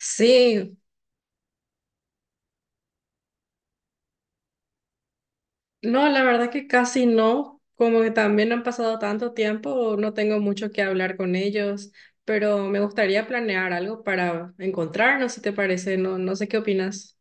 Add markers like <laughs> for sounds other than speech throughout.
Sí, no, la verdad que casi no, como que también han pasado tanto tiempo, no tengo mucho que hablar con ellos, pero me gustaría planear algo para encontrarnos, si te parece, no, no sé qué opinas.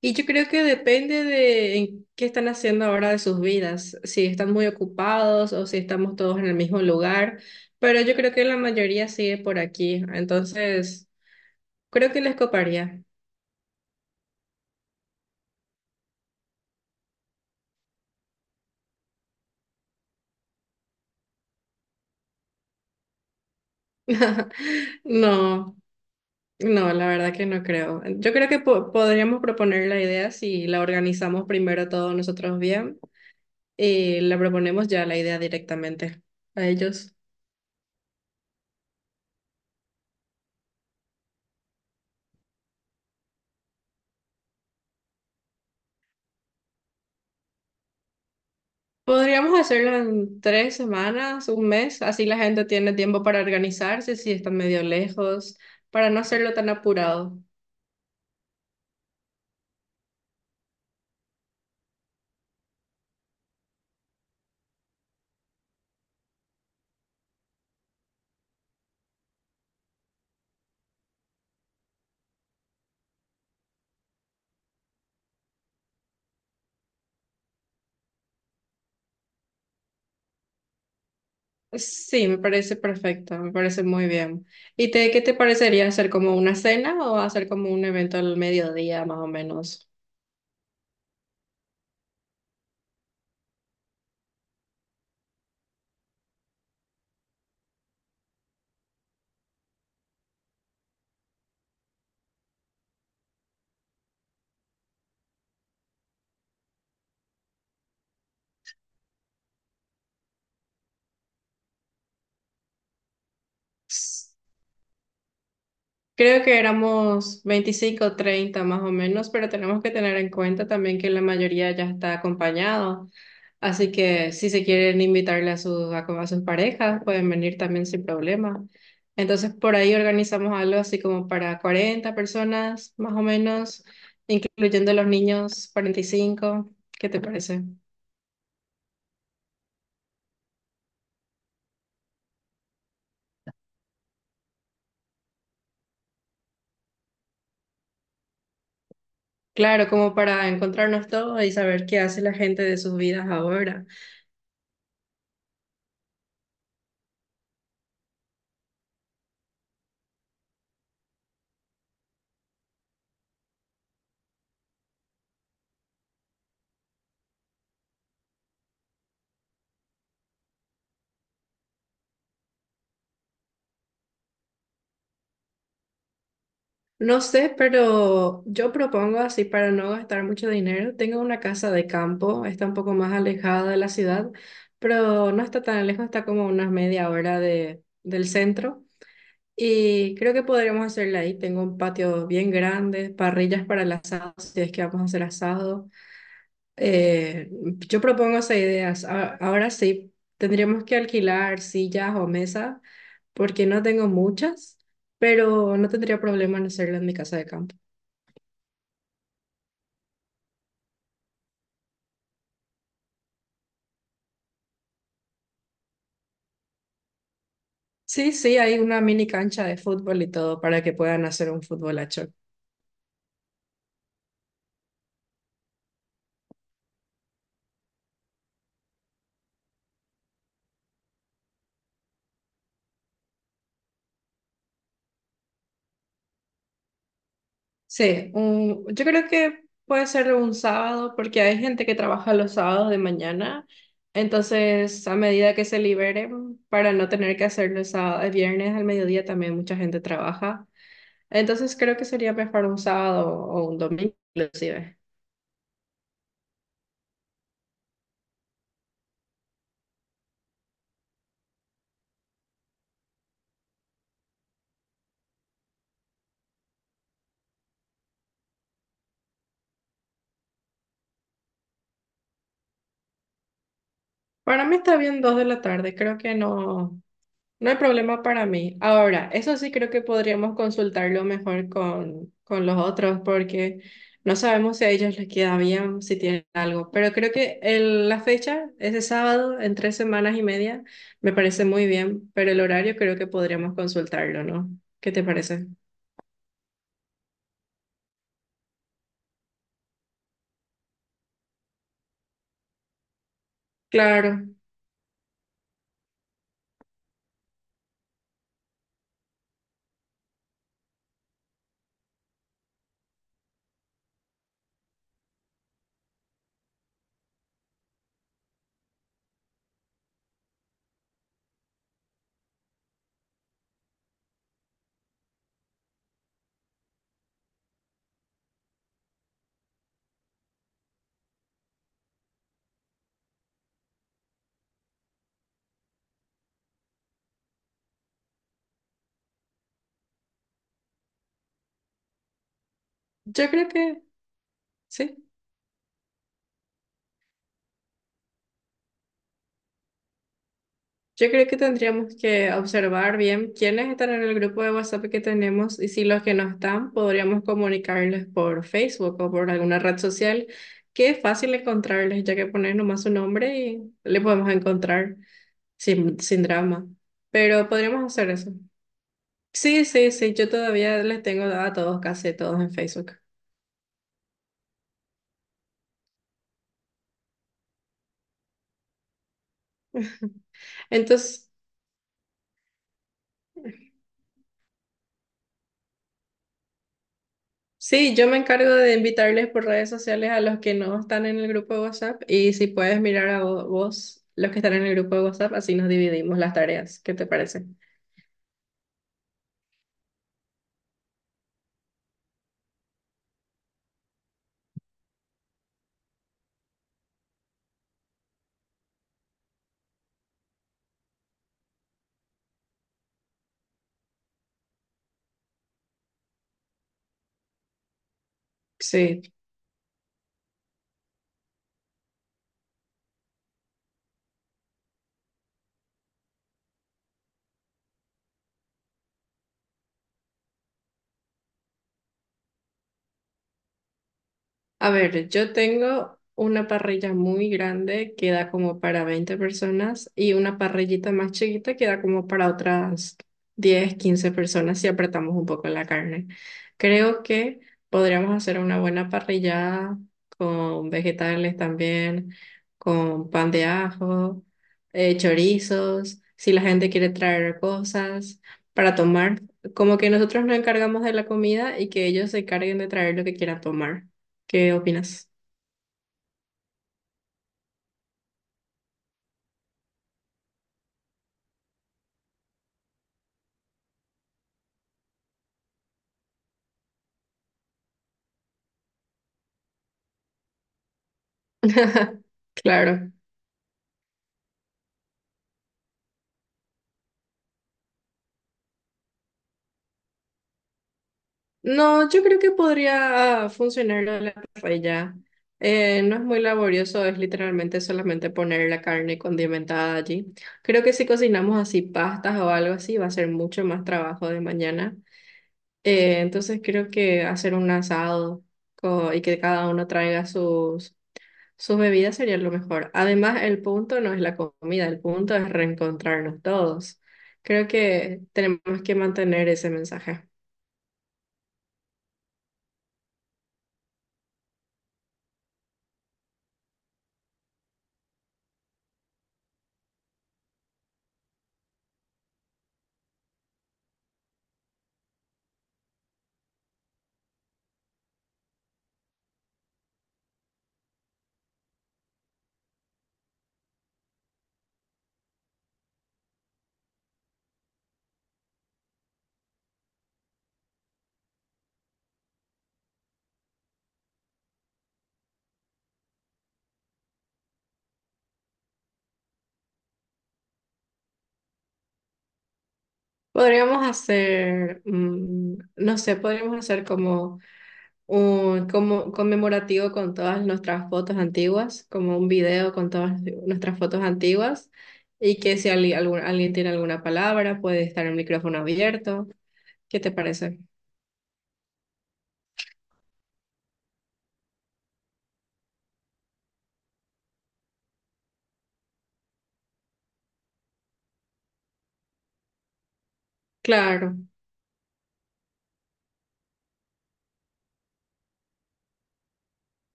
Y yo creo que depende de en qué están haciendo ahora de sus vidas, si están muy ocupados o si estamos todos en el mismo lugar, pero yo creo que la mayoría sigue por aquí, entonces creo que les coparía. <laughs> No. No, la verdad que no creo. Yo creo que podríamos proponer la idea si la organizamos primero todos nosotros bien y la proponemos ya la idea directamente a ellos. Podríamos hacerlo en 3 semanas, un mes, así la gente tiene tiempo para organizarse si están medio lejos, para no hacerlo tan apurado. Sí, me parece perfecto, me parece muy bien. ¿Y te, qué te parecería hacer como una cena o hacer como un evento al mediodía más o menos? Creo que éramos 25 o 30 más o menos, pero tenemos que tener en cuenta también que la mayoría ya está acompañado. Así que si se quieren invitarle a sus parejas, pueden venir también sin problema. Entonces, por ahí organizamos algo así como para 40 personas más o menos, incluyendo los niños, 45. ¿Qué te parece? Claro, como para encontrarnos todos y saber qué hace la gente de sus vidas ahora. No sé, pero yo propongo así para no gastar mucho dinero. Tengo una casa de campo, está un poco más alejada de la ciudad, pero no está tan lejos, está como unas media hora del centro. Y creo que podremos hacerla ahí. Tengo un patio bien grande, parrillas para el asado, si es que vamos a hacer asado. Eh, yo propongo esas ideas. Ahora sí, tendríamos que alquilar sillas o mesas, porque no tengo muchas, pero no tendría problema en hacerlo en mi casa de campo. Sí, sí, hay una mini cancha de fútbol y todo para que puedan hacer un futbolacho. Sí, yo creo que puede ser un sábado porque hay gente que trabaja los sábados de mañana, entonces a medida que se liberen, para no tener que hacerlo el sábado, el viernes al mediodía también mucha gente trabaja, entonces creo que sería mejor un sábado o un domingo inclusive. Para mí está bien 2 de la tarde, creo que no. No hay problema para mí. Ahora, eso sí creo que podríamos consultarlo mejor con los otros porque no sabemos si a ellos les queda bien, si tienen algo. Pero creo que la fecha, ese sábado, en 3 semanas y media, me parece muy bien, pero el horario creo que podríamos consultarlo, ¿no? ¿Qué te parece? Claro, yo creo que sí. Yo creo que tendríamos que observar bien quiénes están en el grupo de WhatsApp que tenemos y si los que no están, podríamos comunicarles por Facebook o por alguna red social, que es fácil encontrarles, ya que pones nomás su nombre y le podemos encontrar sin, sin drama. Pero podríamos hacer eso. Sí, sí, sí, yo todavía les tengo a todos, casi a todos en Facebook. Entonces... Sí, yo me encargo de invitarles por redes sociales a los que no están en el grupo de WhatsApp y si puedes mirar a vos los que están en el grupo de WhatsApp, así nos dividimos las tareas. ¿Qué te parece? Sí. A ver, yo tengo una parrilla muy grande que da como para 20 personas y una parrillita más chiquita que da como para otras 10 15 personas si apretamos un poco la carne. Creo que podríamos hacer una buena parrillada con vegetales también, con pan de ajo, chorizos, si la gente quiere traer cosas para tomar. Como que nosotros nos encargamos de la comida y que ellos se encarguen de traer lo que quieran tomar. ¿Qué opinas? <laughs> Claro. No, yo creo que podría funcionar la paella. No es muy laborioso, es literalmente solamente poner la carne condimentada allí. Creo que si cocinamos así pastas o algo así, va a ser mucho más trabajo de mañana. Entonces creo que hacer un asado y que cada uno traiga sus sus bebidas serían lo mejor. Además, el punto no es la comida, el punto es reencontrarnos todos. Creo que tenemos que mantener ese mensaje. Podríamos hacer, no sé, podríamos hacer como un como conmemorativo con todas nuestras fotos antiguas, como un video con todas nuestras fotos antiguas, y que si alguien tiene alguna palabra, puede estar el micrófono abierto. ¿Qué te parece? Claro.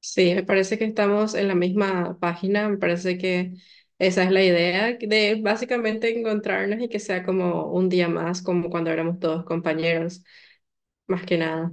Sí, me parece que estamos en la misma página, me parece que esa es la idea de básicamente encontrarnos y que sea como un día más, como cuando éramos todos compañeros, más que nada.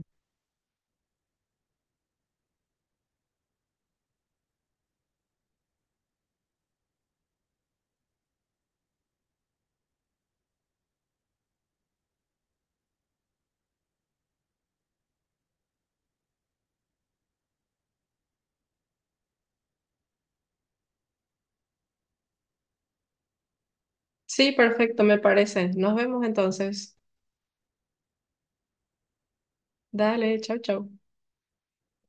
Sí, perfecto, me parece. Nos vemos entonces. Dale, chao, chao.